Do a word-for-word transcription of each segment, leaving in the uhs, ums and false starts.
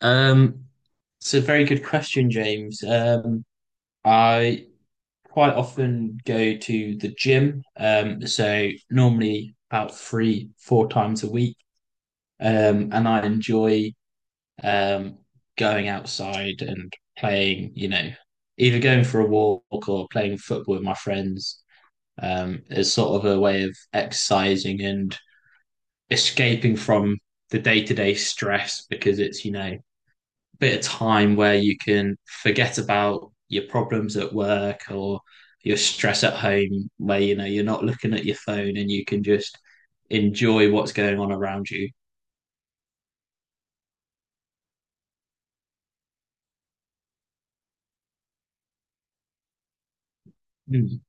Um, it's a very good question, James. Um, I quite often go to the gym, um, so normally about three, four times a week. Um, and I enjoy um going outside and playing, you know, either going for a walk or playing football with my friends. Um, as sort of a way of exercising and escaping from the day-to-day stress because it's, you know, bit of time where you can forget about your problems at work or your stress at home, where you know you're not looking at your phone and you can just enjoy what's going on around you. Mm.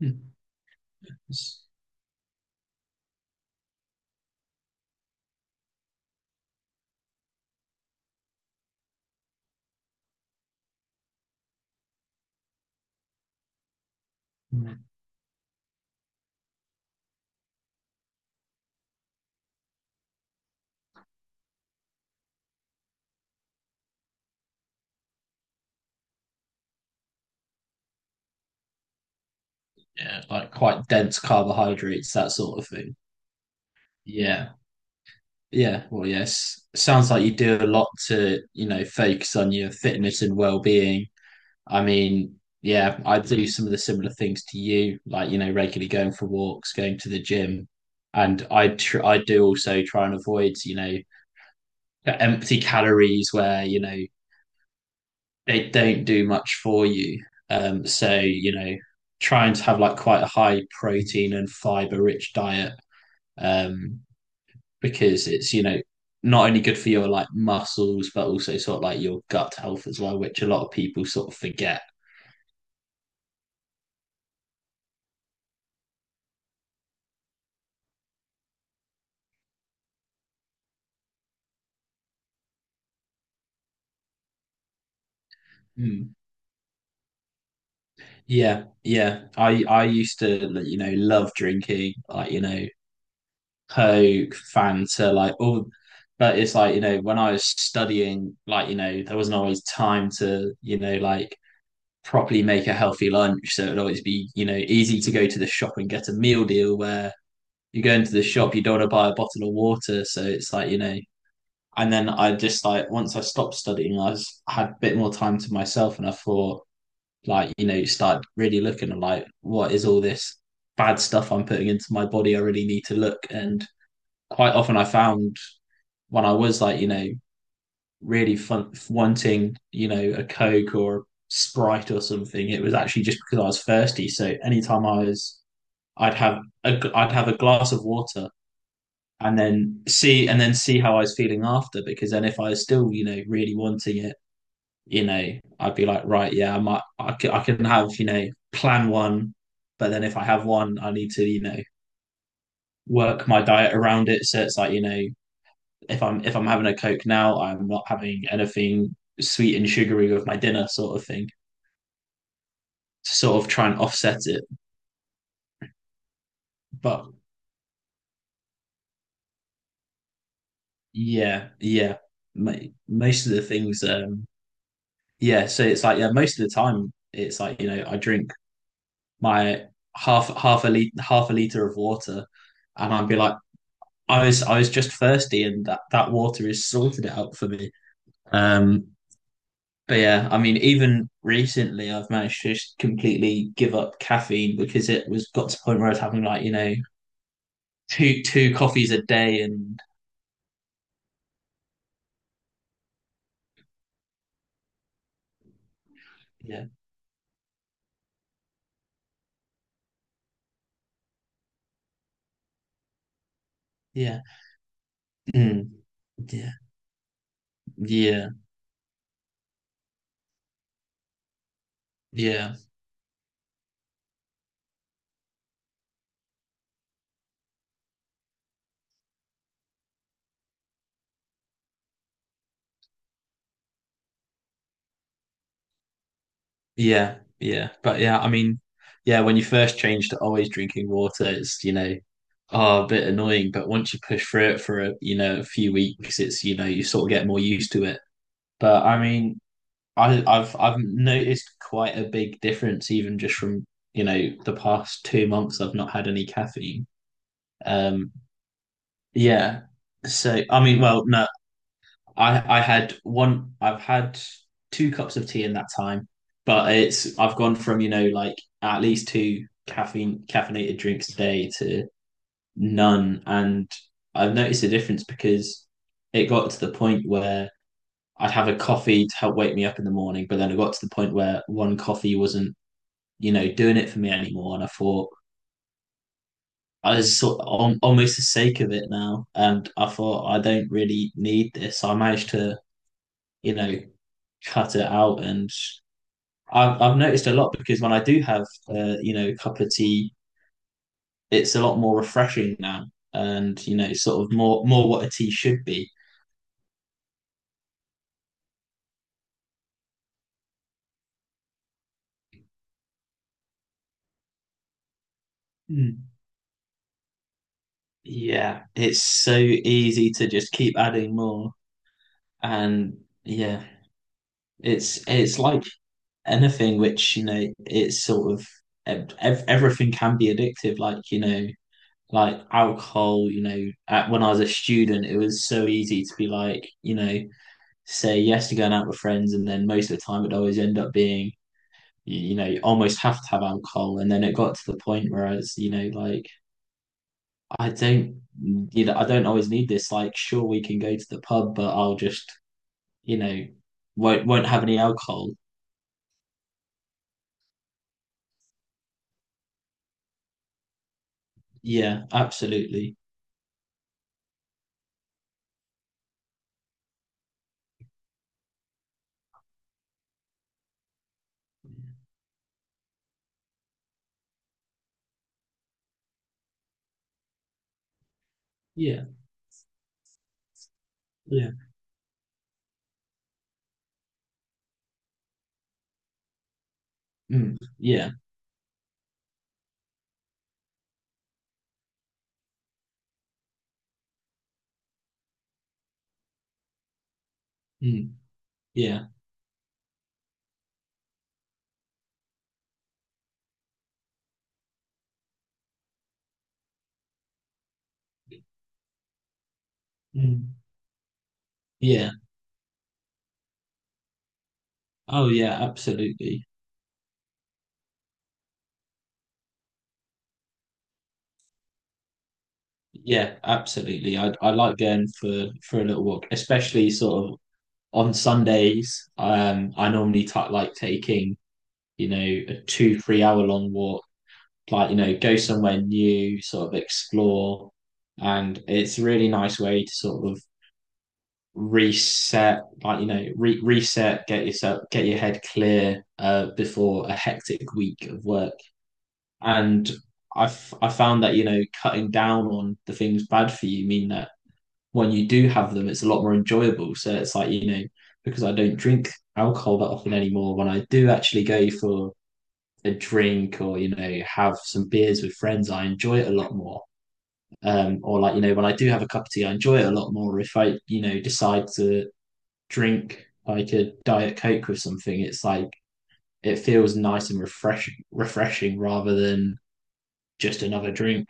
Mm. Yeah, like quite dense carbohydrates, that sort of thing. Yeah. Yeah. Well, yes. Sounds like you do a lot to, you know, focus on your fitness and well-being. I mean, yeah, I do some of the similar things to you, like, you know, regularly going for walks, going to the gym. And I tr- I do also try and avoid, you know, empty calories where, you know, they don't do much for you. Um, so, you know, trying to have like quite a high protein and fiber rich diet, um, because it's, you know, not only good for your like muscles, but also sort of like your gut health as well, which a lot of people sort of forget. Mm. Yeah, yeah. I I used to, like, you know, love drinking, like, you know, Coke, Fanta, like all. But it's like, you know, when I was studying, like, you know, there wasn't always time to, you know, like properly make a healthy lunch. So it'd always be, you know, easy to go to the shop and get a meal deal where you go into the shop, you don't want to buy a bottle of water. So it's like, you know, and then I just like once I stopped studying, I was, I had a bit more time to myself, and I thought, like, you know, you start really looking at like what is all this bad stuff I'm putting into my body? I really need to look. And quite often, I found when I was like, you know, really fun wanting, you know, a coke or a sprite or something, it was actually just because I was thirsty. So anytime I was, I'd have a, I'd have a glass of water and then see and then see how I was feeling after because then if I was still you know really wanting it you know, I'd be like, right, yeah, I might, I can, I can have, you know, plan one, but then if I have one, I need to, you know, work my diet around it. So it's like, you know, if I'm if I'm having a Coke now, I'm not having anything sweet and sugary with my dinner, sort of thing, to sort of try and offset it. But yeah, yeah, mo- most of the things, um, yeah. So it's like, yeah, most of the time, it's like, you know, I drink my half half a liter half a liter of water, and I'd be like I was I was just thirsty, and that that water has sorted it out for me. Um, but yeah, I mean, even recently, I've managed to just completely give up caffeine because it was got to the point where I was having like you know two two coffees a day, and yeah, yeah, mm, yeah, yeah, yeah, yeah, yeah. But yeah, I mean, yeah, when you first change to always drinking water, it's you know oh, a bit annoying. But once you push through it for a, you know a few weeks, it's you know you sort of get more used to it. But I mean, I, I've I've noticed quite a big difference even just from, you know, the past two months I've not had any caffeine. Um, yeah. So I mean, well, no, I I had one. I've had two cups of tea in that time, but it's I've gone from, you know, like at least two caffeine caffeinated drinks a day to none, and I've noticed a difference because it got to the point where I'd have a coffee to help wake me up in the morning, but then it got to the point where one coffee wasn't you know, doing it for me anymore. And I thought I was sort of al- almost the sake of it now. And I thought I don't really need this. I managed to, you know, cut it out. And I've, I've noticed a lot because when I do have, uh, you know, a cup of tea, it's a lot more refreshing now. And, you know, sort of more, more what a tea should be. Mm. Yeah, it's so easy to just keep adding more. And yeah, it's it's like anything which you know it's sort of ev- everything can be addictive like you know like alcohol you know at, when I was a student it was so easy to be like you know say yes to going out with friends and then most of the time it would always end up being you, you know you almost have to have alcohol and then it got to the point where I was you know like I don't you know I don't always need this like sure we can go to the pub but I'll just you know won't won't have any alcohol. Yeah, absolutely. Yeah, yeah. Mm, yeah. Mm, yeah. Mm, yeah. Oh yeah, absolutely. Yeah, absolutely. I I like going for for a little walk, especially sort of on Sundays. Um, I normally ta like taking, you know, a two, three hour long walk, like, you know, go somewhere new, sort of explore. And it's a really nice way to sort of reset, like, you know, re reset, get yourself, get your head clear, uh, before a hectic week of work. And I've I found that, you know, cutting down on the things bad for you mean that when you do have them, it's a lot more enjoyable. So it's like, you know, because I don't drink alcohol that often anymore, when I do actually go for a drink or, you know, have some beers with friends, I enjoy it a lot more. Um, or like, you know, when I do have a cup of tea, I enjoy it a lot more. If I, you know, decide to drink like a Diet Coke with something, it's like it feels nice and refreshing refreshing rather than just another drink.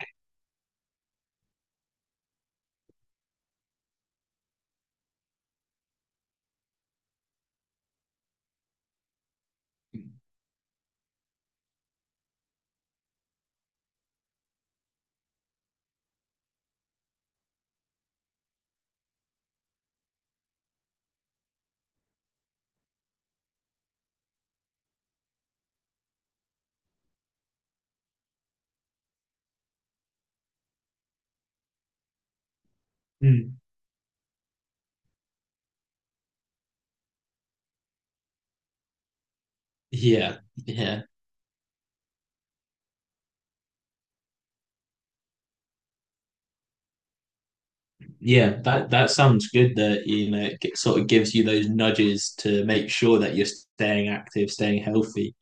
Mm. Yeah, yeah, yeah. That that sounds good. That you know, it sort of gives you those nudges to make sure that you're staying active, staying healthy.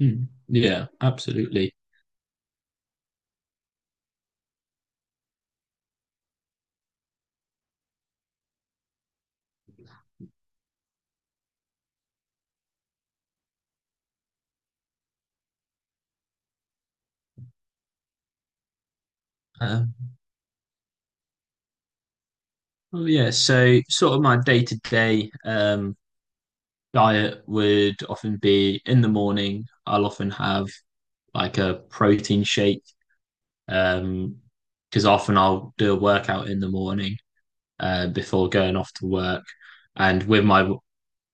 Mm, yeah, absolutely. Um, well, yeah. So, sort of my day to day um diet would often be in the morning. I'll often have like a protein shake. Um, because often I'll do a workout in the morning, uh, before going off to work. And with my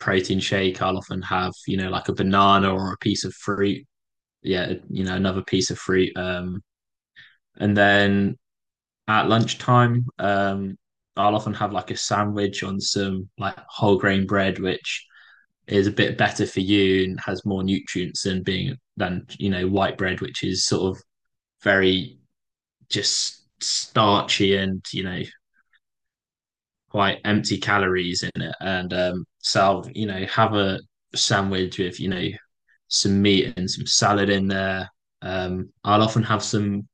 protein shake, I'll often have, you know, like a banana or a piece of fruit. Yeah, you know, another piece of fruit. Um, and then at lunchtime, um, I'll often have like a sandwich on some like whole grain bread, which is a bit better for you and has more nutrients than being than you know white bread, which is sort of very just starchy and you know quite empty calories in it. And um, so I'll, you know, have a sandwich with you know some meat and some salad in there. Um, I'll often have some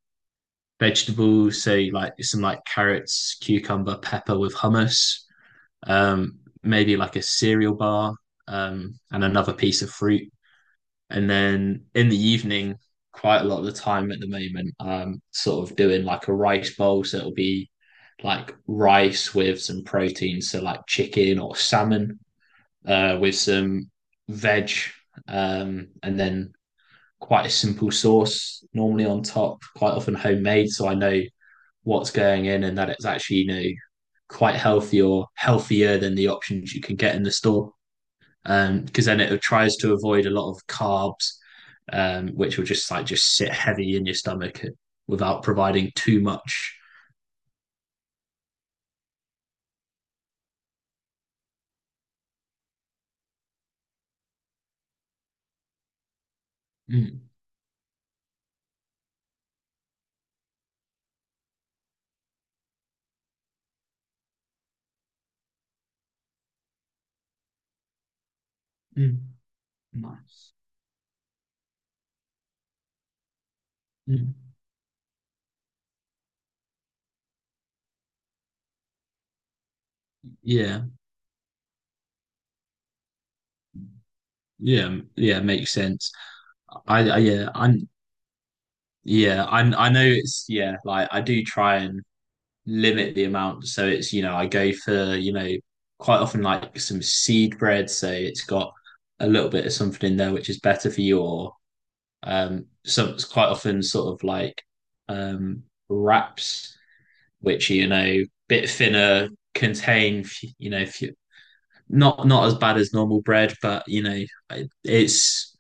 vegetables, so like some like carrots, cucumber, pepper with hummus. Um, maybe like a cereal bar, um, and another piece of fruit. And then in the evening, quite a lot of the time at the moment, um, sort of doing like a rice bowl. So it'll be like rice with some protein, so like chicken or salmon, uh, with some veg, um, and then quite a simple sauce normally on top, quite often homemade. So I know what's going in and that it's actually, you know, quite healthy or healthier than the options you can get in the store, um, because then it tries to avoid a lot of carbs, um, which will just like just sit heavy in your stomach without providing too much. Mm, mm, nice. Mm. Yeah, yeah, yeah. Makes sense. I, I yeah, I'm yeah, I I know it's yeah. Like I do try and limit the amount, so it's you know I go for you know quite often like some seed bread, so it's got a little bit of something in there which is better for you, or Um, so it's quite often sort of like um, wraps, which you know, bit thinner, contain you know, f- not not as bad as normal bread, but you know, it's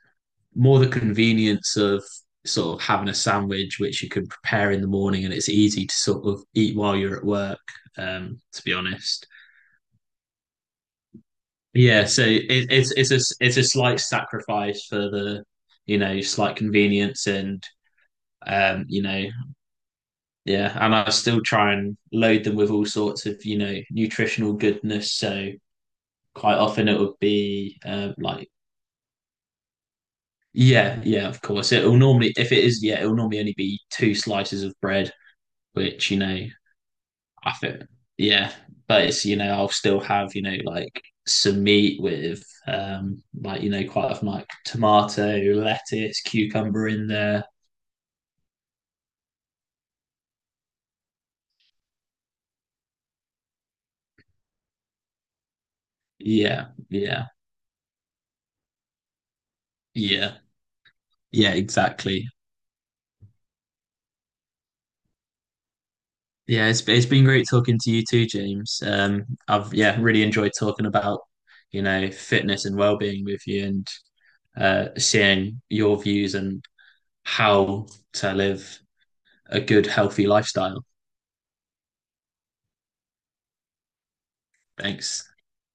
more the convenience of sort of having a sandwich which you can prepare in the morning and it's easy to sort of eat while you're at work. Um, to be honest, yeah. So it, it's it's a it's a slight sacrifice for the you know slight convenience and um, you know Yeah, and I still try and load them with all sorts of, you know, nutritional goodness. So quite often it would be um, like, yeah, yeah, of course. It'll normally, if it is, yeah, it'll normally only be two slices of bread, which, you know, I think, yeah, but it's, you know, I'll still have, you know, like some meat with, um, like, you know, quite often like tomato, lettuce, cucumber in there. Yeah, yeah, yeah, yeah, exactly. Yeah, it's it's been great talking to you too, James. Um, I've, yeah, really enjoyed talking about you know fitness and well-being with you and, uh, seeing your views and how to live a good healthy lifestyle. Thanks.